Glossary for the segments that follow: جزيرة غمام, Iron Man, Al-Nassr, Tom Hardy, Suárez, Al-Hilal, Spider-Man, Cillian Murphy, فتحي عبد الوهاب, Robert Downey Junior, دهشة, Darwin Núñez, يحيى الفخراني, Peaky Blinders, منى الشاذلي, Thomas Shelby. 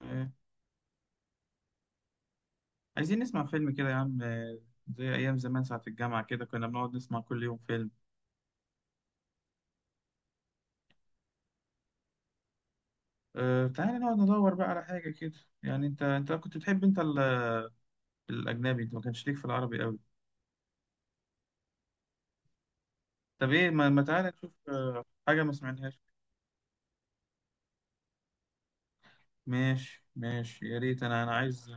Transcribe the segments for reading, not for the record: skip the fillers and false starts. آه، عايزين نسمع فيلم كده يا عم. زي أيام زمان ساعة الجامعة كده كنا بنقعد نسمع كل يوم فيلم. تعالى نقعد ندور بقى على حاجة كده يعني أنت كنت بتحب أنت الأجنبي، أنت ما كانش ليك في العربي قوي. طب إيه ما تعالى نشوف حاجة ما سمعناهاش. ماشي ماشي، يا ريت، أنا عايز.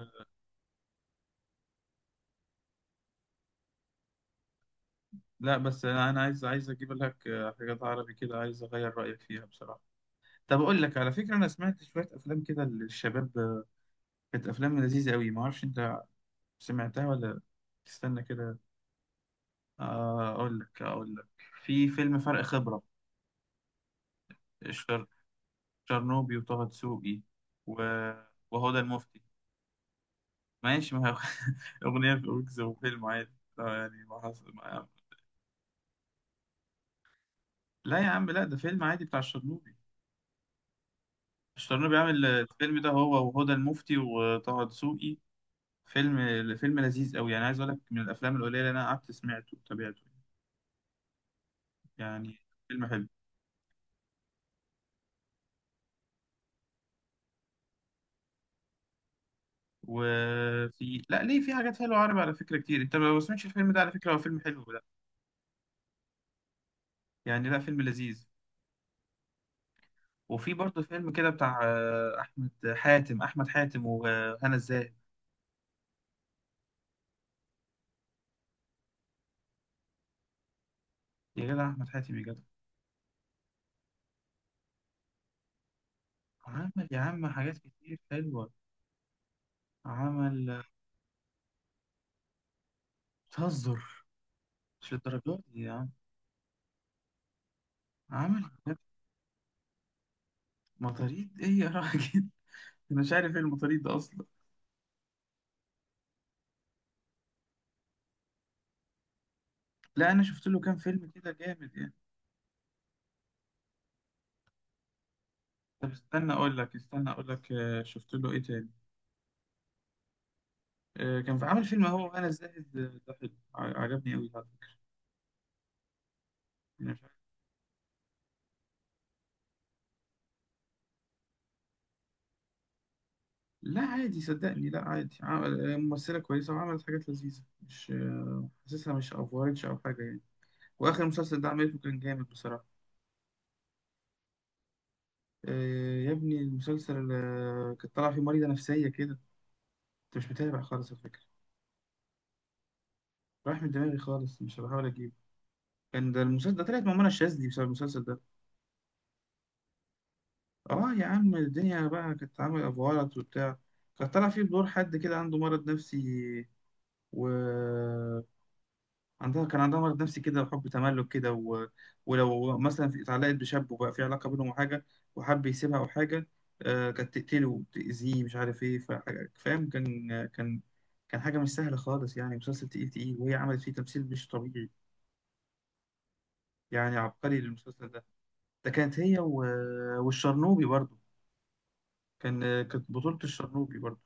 لا بس أنا عايز أجيب لك حاجات عربي كده، عايز أغير رأيك فيها بصراحة. طب أقول لك على فكرة، أنا سمعت شوية أفلام كده للشباب. كانت أفلام لذيذة قوي. ما أعرفش أنت سمعتها ولا؟ تستنى كده. أقول لك أقول لك. في فيلم فرق خبرة، شر... شرنوبي وطه دسوقي و... وهدى المفتي. ماشي، ما هي أغنية في أوكس وفيلم عادي. يعني ما حصل ما... لا يا عم، لا، ده فيلم عادي بتاع الشرنوبي. الشرنوبي عامل الفيلم ده، هو وهدى المفتي وطه دسوقي. فيلم لذيذ أوي، يعني عايز أقول لك من الأفلام القليلة اللي أنا قعدت سمعته وتابعته يعني. فيلم حلو. وفي، لا، ليه، في حاجات حلوة عربي على فكرة كتير. أنت ما سمعتش الفيلم ده على فكرة، هو فيلم حلو يعني. لا، فيلم لذيذ. وفي برضه فيلم كده بتاع احمد حاتم. احمد حاتم وهنا الزاهد. يا جدع احمد حاتم، يا جدع! عمل يا عم حاجات كتير حلوه. عمل. بتهزر؟ مش للدرجات دي يا عم. عمل بجد. مطاريد ايه يا راجل؟ انا مش عارف ايه المطاريد ده اصلا. لا انا شفت له كام فيلم كده جامد يعني. طب استنى اقول لك، استنى اقول لك. شفت له ايه تاني. كان في عامل فيلم هو، هنا الزاهد. ده حلو، عجبني قوي. لا عادي صدقني، لا عادي. ممثلة كويسة وعملت حاجات لذيذة، مش حاسسها مش أفورتش أو حاجة يعني. وآخر مسلسل ده عملته كان جامد بصراحة. يا ابني المسلسل، كانت طالعة فيه مريضة نفسية كده. أنت مش متابع خالص على فكرة. راح من دماغي خالص، مش بحاول أجيبه. كان ده المسلسل ده طلعت مع منى الشاذلي بسبب المسلسل ده. يا عم الدنيا بقى كانت عاملة أفورت وبتاع. كانت طالعة فيه بدور حد كده عنده مرض نفسي و... عندها كان عندها مرض نفسي كده، وحب تملك كده، ولو مثلا اتعلقت بشاب وبقى في علاقة بينهم وحاجة، وحب يسيبها أو حاجة. آه، كانت تقتله وتأذيه، مش عارف إيه، فحاجة فاهم. كان حاجة مش سهلة خالص يعني. مسلسل تقيل وهي عملت فيه تمثيل مش طبيعي، يعني عبقري للمسلسل ده. ده كانت هي والشرنوبي برضو، كان كانت بطولة الشرنوبي برضو.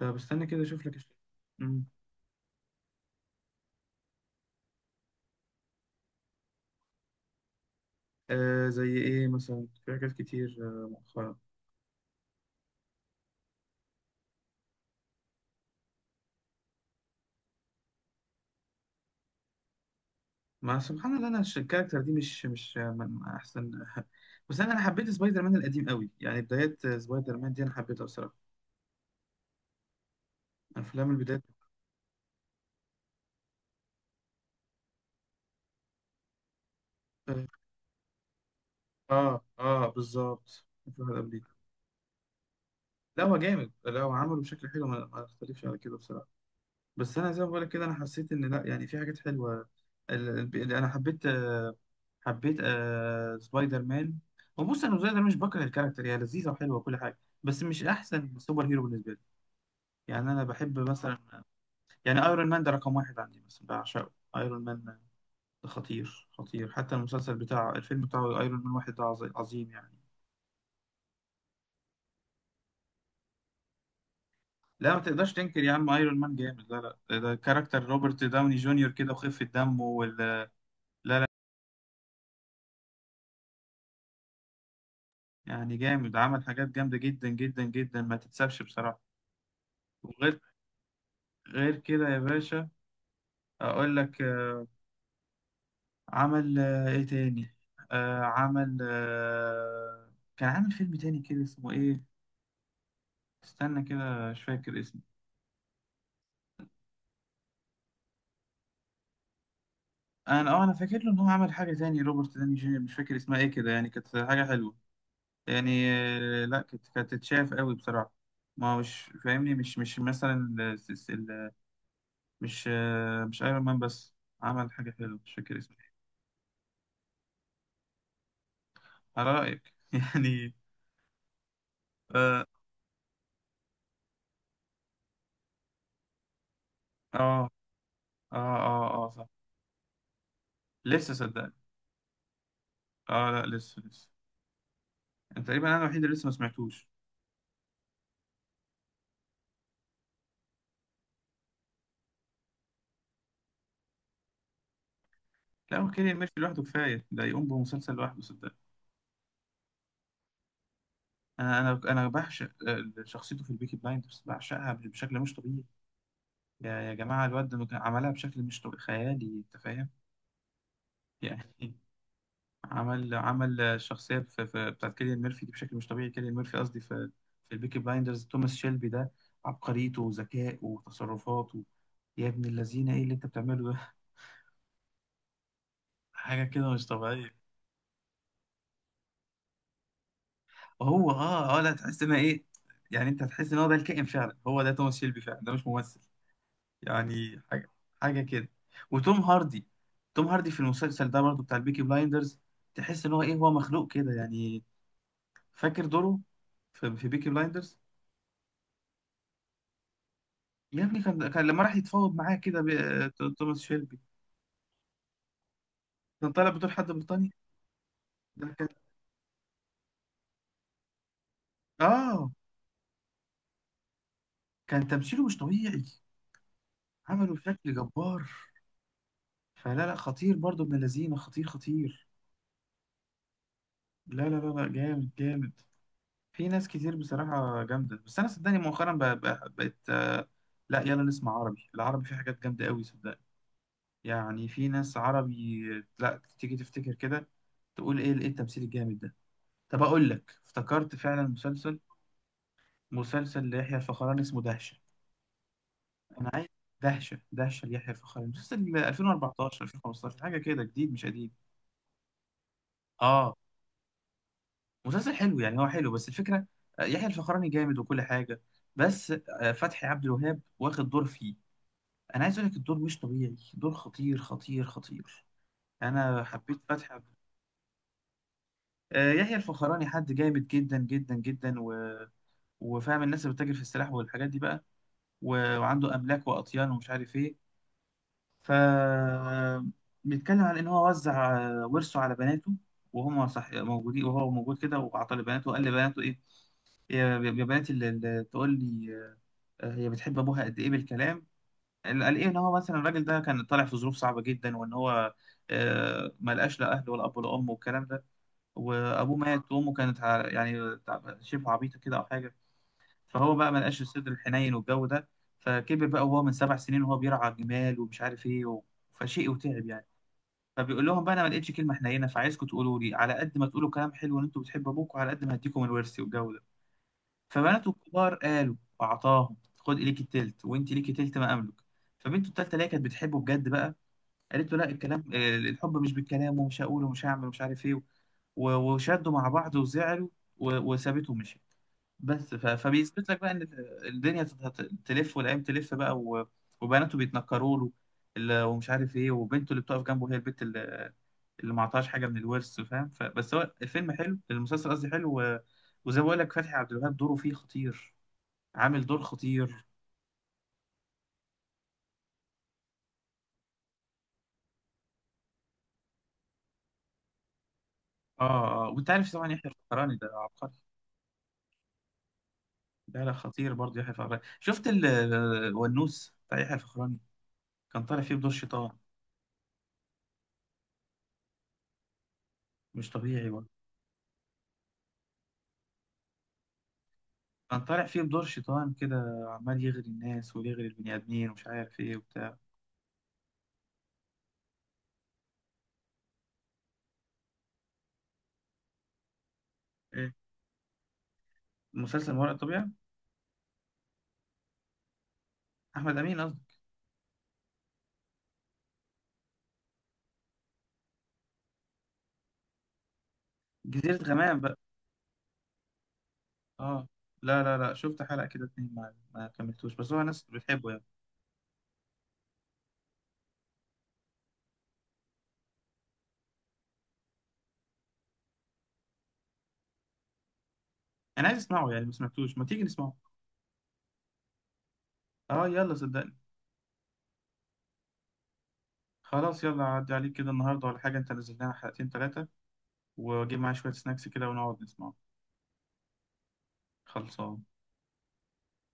ده بستنى كده أشوف لك مم. آه زي إيه مثلا؟ في حاجات كتير مؤخرا. ما سبحان الله، انا الكاركتر دي مش، مش من احسن بس انا، حبيت سبايدر مان القديم قوي يعني، بدايات سبايدر مان دي انا حبيتها بصراحه. افلام البدايات. اه اه، بالظبط، مفيش واحد قبليه. لا هو جامد، لا هو عمله بشكل حلو، ما اختلفش على كده بصراحه. بس انا زي ما بقول لك كده، انا حسيت ان لا يعني في حاجات حلوه. اللي انا حبيت، حبيت آه سبايدر مان. هو بص، انا سبايدر مان مش بكره الكاركتر، هي لذيذه وحلوه وكل حاجه، بس مش احسن سوبر هيرو بالنسبه لي. يعني انا بحب مثلا، يعني ايرون مان ده رقم واحد عندي مثلا، بعشقه ايرون مان ده. خطير حتى المسلسل بتاع الفيلم بتاعه ايرون مان واحد ده عظيم يعني. لا ما تقدرش تنكر يا عم، ايرون مان جامد. لا لا، ده كاركتر روبرت داوني جونيور كده، وخفة دمه. يعني جامد، عمل حاجات جامدة جدا جدا جدا ما تتسابش بصراحة. وغير غير كده يا باشا، اقول لك، عمل ايه تاني؟ عمل آه، كان عامل فيلم تاني كده اسمه ايه؟ استنى كده مش فاكر اسمه. انا فاكر له ان هو عمل حاجه تاني، روبرت داني جونيور، مش فاكر اسمها ايه كده يعني. كانت حاجه حلوه يعني، لا كانت تتشاف قوي بصراحه. ما هو مش فاهمني، مش، مش مثلا الس- ال- مش مش ايرون مان بس، عمل حاجه حلوه مش فاكر اسمها إيه. على رايك يعني. اه اه. صح. لسه صدقني. اه لا لسه. أنا تقريبا الوحيد اللي لسه ما سمعتوش. لا هو كيليان ميرفي لوحده كفايه، ده يقوم بمسلسل لوحده صدقني. انا انا انا بعشق شخصيته في البيكي بلايندرز، بعشقها بشكل مش طبيعي. يا جماعة، الواد عملها بشكل مش طبيعي خيالي، أنت فاهم؟ يعني عمل الشخصية في بتاعت كيليان ميرفي دي بشكل مش طبيعي، كيليان ميرفي قصدي، في البيكي بلايندرز، توماس شيلبي ده، عبقريته وذكائه وتصرفاته. يا ابن اللذينة، إيه اللي أنت بتعمله ده؟ حاجة كده مش طبيعية. هو أه أه لا، تحس إن إيه، يعني أنت هتحس إن هو ده الكائن فعلا، هو ده توماس شيلبي فعلا، ده مش ممثل يعني. حاجة كده. وتوم هاردي، توم هاردي في المسلسل ده برضو بتاع البيكي بلايندرز، تحس ان هو ايه، هو مخلوق كده يعني. فاكر دوره في, في بيكي بلايندرز؟ يا ابني كان لما راح يتفاوض معاه كده توماس شيلبي، كان طالع بدور حد بريطاني. ده كان، اه، كان تمثيله مش طبيعي، عمله بشكل جبار. فلا لا، خطير برضو، ابن الذين خطير لا لا لا لا جامد جامد. في ناس كتير بصراحة جامدة، بس أنا صدقني مؤخرا بقى بقى بقيت، لا يلا نسمع عربي. العربي فيه حاجات جامدة قوي صدقني. يعني في ناس عربي، لا تيجي تفتكر كده، تقول إيه، إيه التمثيل الجامد ده! طب أقول لك افتكرت فعلا مسلسل، ليحيى الفخراني اسمه دهشة. أنا عايز دهشة ليحيى الفخراني، مسلسل 2014 2015 حاجة كده، جديد مش قديم. آه مسلسل حلو يعني، هو حلو بس الفكرة، يحيى الفخراني جامد وكل حاجة، بس فتحي عبد الوهاب واخد دور فيه، انا عايز اقول لك الدور مش طبيعي، دور خطير خطير. انا حبيت يحيى الفخراني حد جامد جدا جدا جدا، وفاهم الناس اللي بتتاجر في السلاح والحاجات دي بقى و... وعنده املاك واطيان ومش عارف ايه. ف بيتكلم عن ان هو وزع ورثه على بناته، وهم صح موجودين، وهو موجود كده، وعطى لبناته وقال لبناته ايه، يا بنات، اللي تقول لي هي بتحب ابوها قد ايه بالكلام. اللي قال ايه، ان هو مثلا الراجل ده كان طالع في ظروف صعبه جدا، وان هو ما لقاش لا اهله ولا اب ولا ام والكلام ده. وابوه مات وامه كانت شبه عبيطه كده او حاجه، فهو بقى ما لقاش الصدر الحنين والجو ده. فكبر بقى وهو من 7 سنين وهو بيرعى جمال ومش عارف ايه، فشيء وتعب يعني. فبيقول لهم بقى انا ما لقيتش كلمه حنينه، فعايزكم تقولوا لي على قد ما تقولوا كلام حلو ان انتوا بتحبوا ابوكم، على قد ما هديكم الورث والجو ده. فبناته الكبار قالوا، أعطاهم، خد ليكي التلت وأنت ليكي تلت ما أملك. فبنته التالتة اللي هي كانت بتحبه بجد بقى، قالت له لا، الكلام، الحب مش بالكلام، ومش هقول ومش هعمل ومش عارف إيه. وشدوا مع بعض وزعلوا، وسابته ومشي. بس فبيثبت لك بقى ان الدنيا هتلف والايام تلف بقى، وبناته بيتنكروا له ومش عارف ايه. وبنته اللي بتقف جنبه هي البت اللي ما عطاهاش حاجه من الورث فاهم. بس هو الفيلم حلو، المسلسل قصدي حلو، وزي ما بقول لك فتحي عبد الوهاب دوره فيه خطير، عامل دور خطير. اه اه، وانت عارف طبعا يحيى الفخراني ده عبقري. ده لا خطير برضه يحيى الفخراني. شفت الونوس بتاع يحيى الفخراني؟ كان طالع فيه بدور شيطان مش طبيعي. كان طالع فيه بدور شيطان كده، عمال يغري الناس ويغري البني آدمين ومش عارف إيه وبتاع. إيه؟ مسلسل ما وراء الطبيعة، أحمد أمين قصدي. جزيرة غمام بقى. آه. لا لا لا، شفت حلقة كده اتنين ما كملتوش، بس هو ناس بتحبه يعني. أنا عايز أسمعه يعني، ما سمعتوش، ما تيجي نسمعه. آه يلا صدقني. خلاص يلا، عدي عليك كده النهاردة ولا حاجة، أنت نزل لنا حلقتين تلاتة، وأجيب معايا شوية سناكس كده ونقعد نسمعه. خلصان.